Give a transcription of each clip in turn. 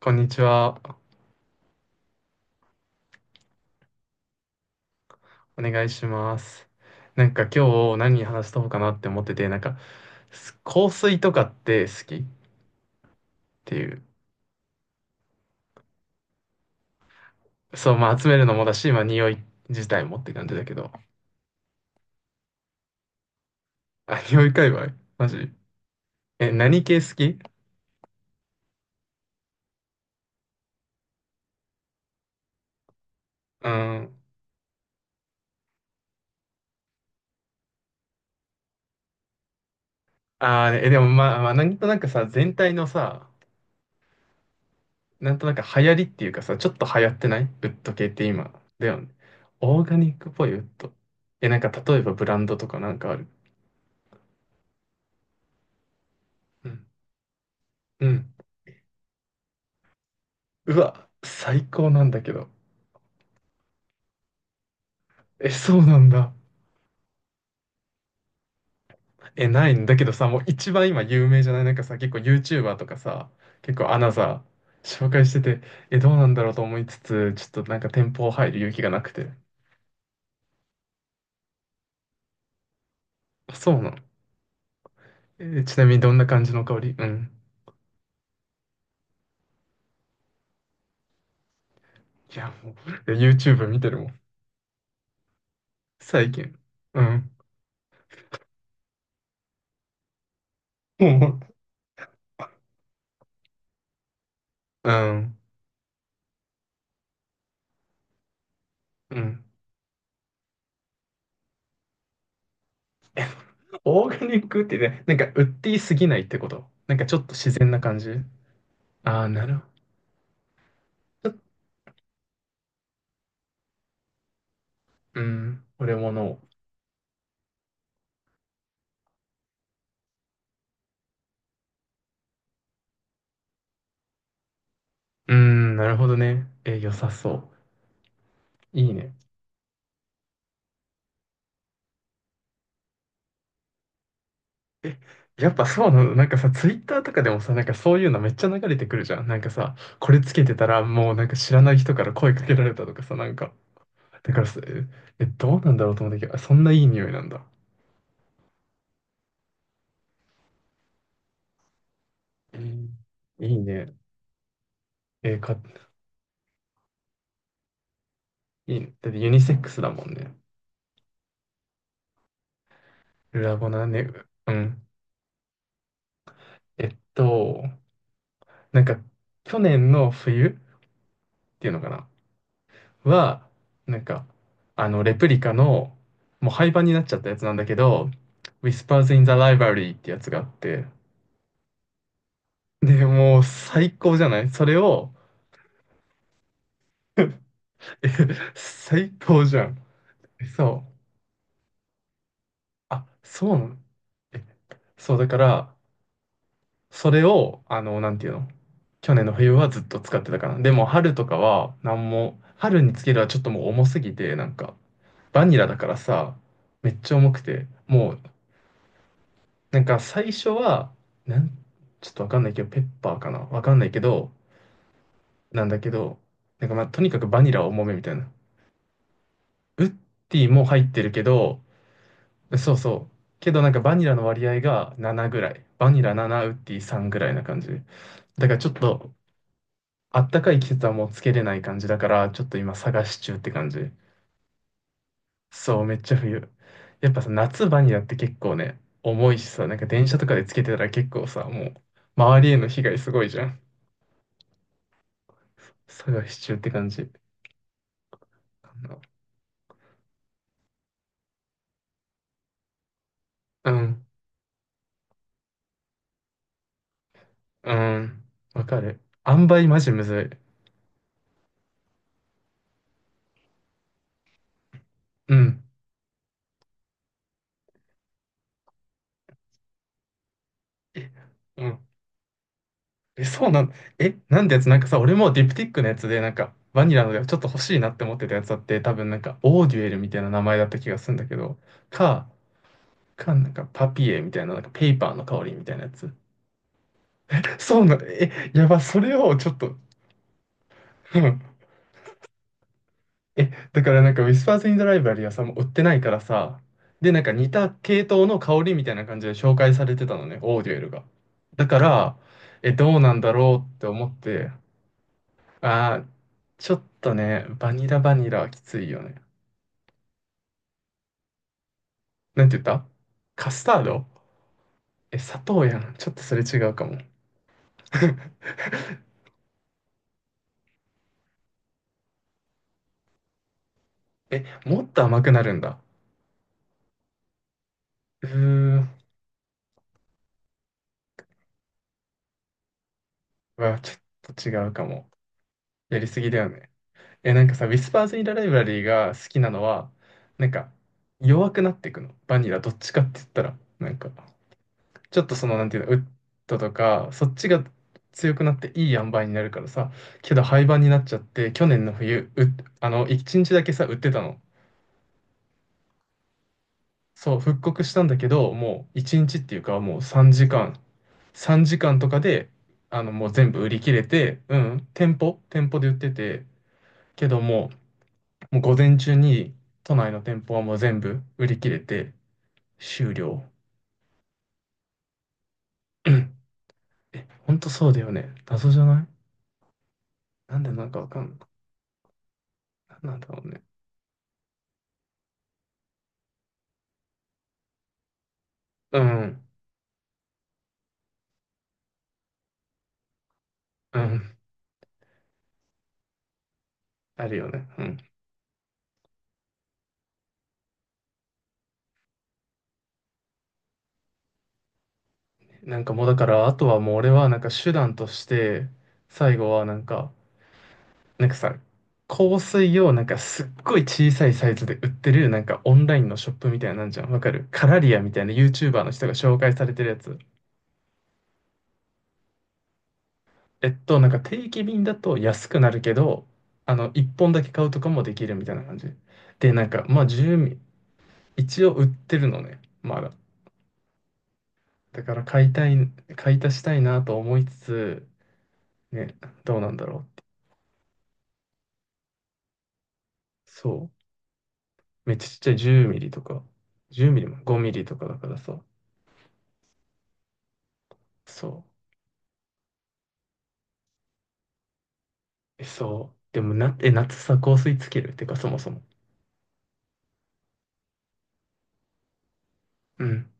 こんにちは。お願いします。なんか今日何話したうかなって思ってて、なんかす香水とかって好きっていう。そう、まあ集めるのもだし、まあ匂い自体もって感じだけど。あ、匂い界隈マジ？え、何系好き？うん。ああ、え、でもまあ、まあ、なんとなくさ、全体のさ、なんとなく流行りっていうかさ、ちょっと流行ってないウッド系って今。だよね。オーガニックっぽいウッド。え、なんか例えばブランドとかなんかある？うん。うん、うわ、最高なんだけど。え、そうなんだ。え、ないんだけどさ、もう一番今有名じゃない？なんかさ、結構 YouTuber とかさ、結構アナザー紹介してて、え、どうなんだろうと思いつつ、ちょっとなんか店舗入る勇気がなくて。あ、そうなの。えー、ちなみにどんな感じの香り？うん。いや、もう、いや、 YouTube 見てるもん。最近。うん。もう、うん。うん。オーガニックってね、なんか売っていすぎないってこと。なんかちょっと自然な感じ。ああ、なるほど。うん、俺もの。を、うーん、なるほどね。え、良さそう。いいね。え、やっぱそうなの？なんかさ、ツイッターとかでもさ、なんかそういうのめっちゃ流れてくるじゃん。なんかさ、これつけてたらもうなんか知らない人から声かけられたとかさ、なんか。だからさ、え、え、どうなんだろうと思ったけど、あ、そんないい匂いなんだ。えー、いいね。えーか、いいね。だってユニセックスだもんね。ルラボナね。うん。えっと、なんか、去年の冬っていうのかな。は、なんか、レプリカの、もう廃盤になっちゃったやつなんだけど、Whispers in the Library ってやつがあって、で、もう最高じゃない？それを、え、最高じゃん。そう。あ、そうなの？え、そう、だから、それを、なんていうの？去年の冬はずっと使ってたかな。でも、春とかは、なんも、春につけるはちょっともう重すぎて、なんか、バニラだからさ、めっちゃ重くて、もう、なんか最初は、なん、ちょっとわかんないけど、ペッパーかなわかんないけど、なんだけど、なんかまあ、とにかくバニラ重めみたいな。ウッディも入ってるけど、そうそう。けどなんかバニラの割合が7ぐらい。バニラ7、ウッディ3ぐらいな感じ。だからちょっと、あったかい季節はもうつけれない感じだから、ちょっと今探し中って感じ。そう、めっちゃ冬。やっぱさ、夏バニラって結構ね、重いしさ、なんか電車とかでつけてたら結構さ、もう、周りへの被害すごいじゃん。探し中って感じ。うん、うん、わかる。塩梅マジむずい。うん。え、うん。え、そうなん、え、なんてやつ？なんかさ、俺もディプティックのやつで、なんか、バニラのやつちょっと欲しいなって思ってたやつだって、多分なんか、オーデュエルみたいな名前だった気がするんだけど、か、なんか、パピエみたいな、なんか、ペーパーの香りみたいなやつ。そうな、え、やば、それをちょっと、うん、え、だからなんか、ウィスパーズ・イン・ザ・ライブラリーはさ、もう売ってないからさ、で、なんか似た系統の香りみたいな感じで紹介されてたのね、オーデュエルが。だから、え、どうなんだろうって思って、あー、ちょっとね、バニラバニラはきついよね。なんて言った？カスタード？え、砂糖やん。ちょっとそれ違うかも。え、もっと甘くなるんだ。うーん、うわ、ちょっと違うかも。やりすぎだよね。え、なんかさ、ウィスパーズ・イン・ザ・ライブラリーが好きなのは、なんか、弱くなっていくの。バニラ、どっちかって言ったら、なんか、ちょっとその、なんていうの、ウッドとか、そっちが強くなっていい塩梅になるからさ、けど廃盤になっちゃって、去年の冬、う、一日だけさ、売ってたの。そう、復刻したんだけど、もう一日っていうか、もう3時間、3時間とかで、もう全部売り切れて、うん、店舗、店舗で売ってて、けどもう、もう午前中に都内の店舗はもう全部売り切れて終了。え、ほんとそうだよね。謎じゃない？なんでなんかわかんない。なんなんだろうね。うん、うん、あるよね。うん。なんかもうだから、あとはもう俺はなんか手段として、最後はなんか、なんかさ、香水をなんかすっごい小さいサイズで売ってるなんかオンラインのショップみたいなのなんじゃん。わかる？カラリアみたいな YouTuber の人が紹介されてるやつ。なんか定期便だと安くなるけど、1本だけ買うとかもできるみたいな感じ。で、なんか、まあ、10ミリ、一応売ってるのね、まだ。だから買いたい、買い足したいなと思いつつ、ね、どうなんだろうって。そう。めっちゃちっちゃい10ミリとか、10ミリも5ミリとかだからさ。そう。え、そう。でもな、え、夏さ、香水つけるってか、そもそも。うん。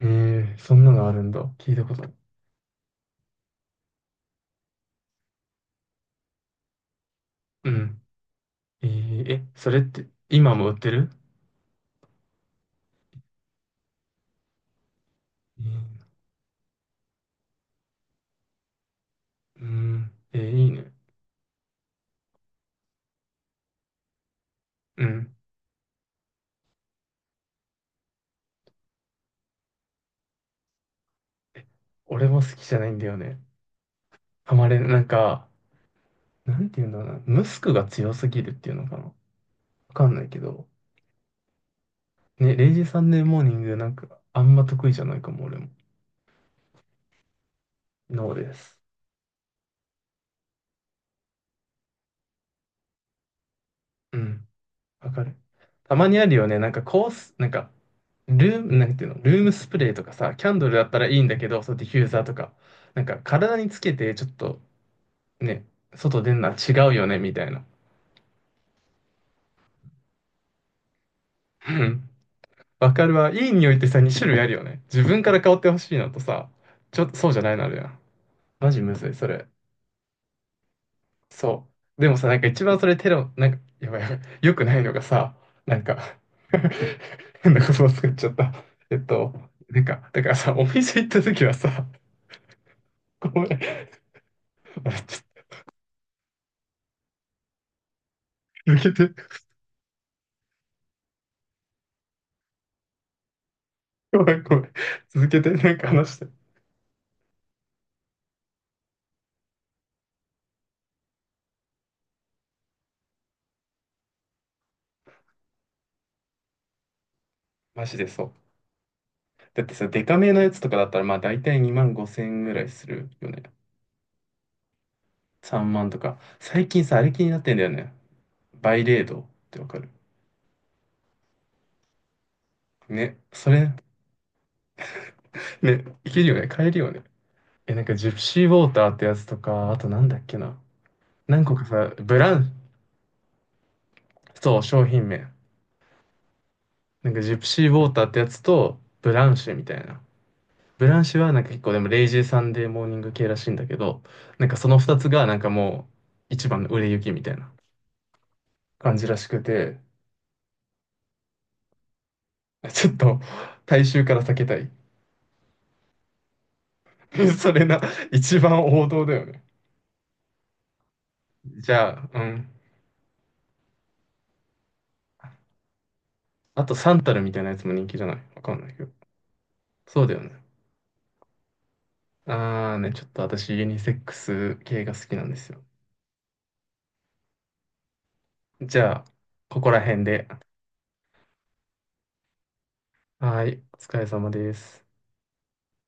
えー、そんなのあるんだ。聞いたことない。うん。えー、え、それって、今も売ってる？えー、うん。え、いいね。うん。俺も好きじゃないんだよね。ハマれなんか、なんていうんだろうな。ムスクが強すぎるっていうのかな。わかんないけど。ね、レイジサンデーモーニングなんか、あんま得意じゃないかも、俺も。ノーです。うん。わかる。たまにあるよね。なんかコース、なんか、ルーム、なんていうの、ルームスプレーとかさ、キャンドルだったらいいんだけど、そう、ディフューザーとか、なんか体につけて、ちょっとね、外出んのは違うよね、みたいな。わかるわ。いい匂いってさ、2種類あるよね。自分から香ってほしいのとさ、ちょっとそうじゃないのあるやん。マジむずい、それ。そう。でもさ、なんか一番それテロ、なんか、やばいやばい。よくないのがさ、なんか、 変な言葉作っちゃった。えっと、なんか、だからさ、お店行った時はさ、ごめん。あ、ちょっと続けて。ごめん、ごめん。続けて、なんか話して。マジでそう。だってさ、デカめのやつとかだったら、まあ大体2万5千円ぐらいするよね。3万とか。最近さ、あれ気になってんだよね。バイレードってわかる？ね、それ、ね、いけるよね、買えるよね。え、なんかジプシーウォーターってやつとか、あとなんだっけな。何個かさ、ブラン、そう、商品名。なんかジプシーウォーターってやつと、ブランシュみたいな。ブランシュはなんか結構でもレイジーサンデーモーニング系らしいんだけど、なんかその2つがなんかもう一番の売れ行きみたいな感じらしくて、ちょっと大衆から避けたい。それな、一番王道だよね。じゃあ、うん。あとサンタルみたいなやつも人気じゃない？わかんないけど。そうだよね。あーね、ちょっと私ユニセックス系が好きなんですよ。じゃあ、ここら辺で。はーい、お疲れ様です。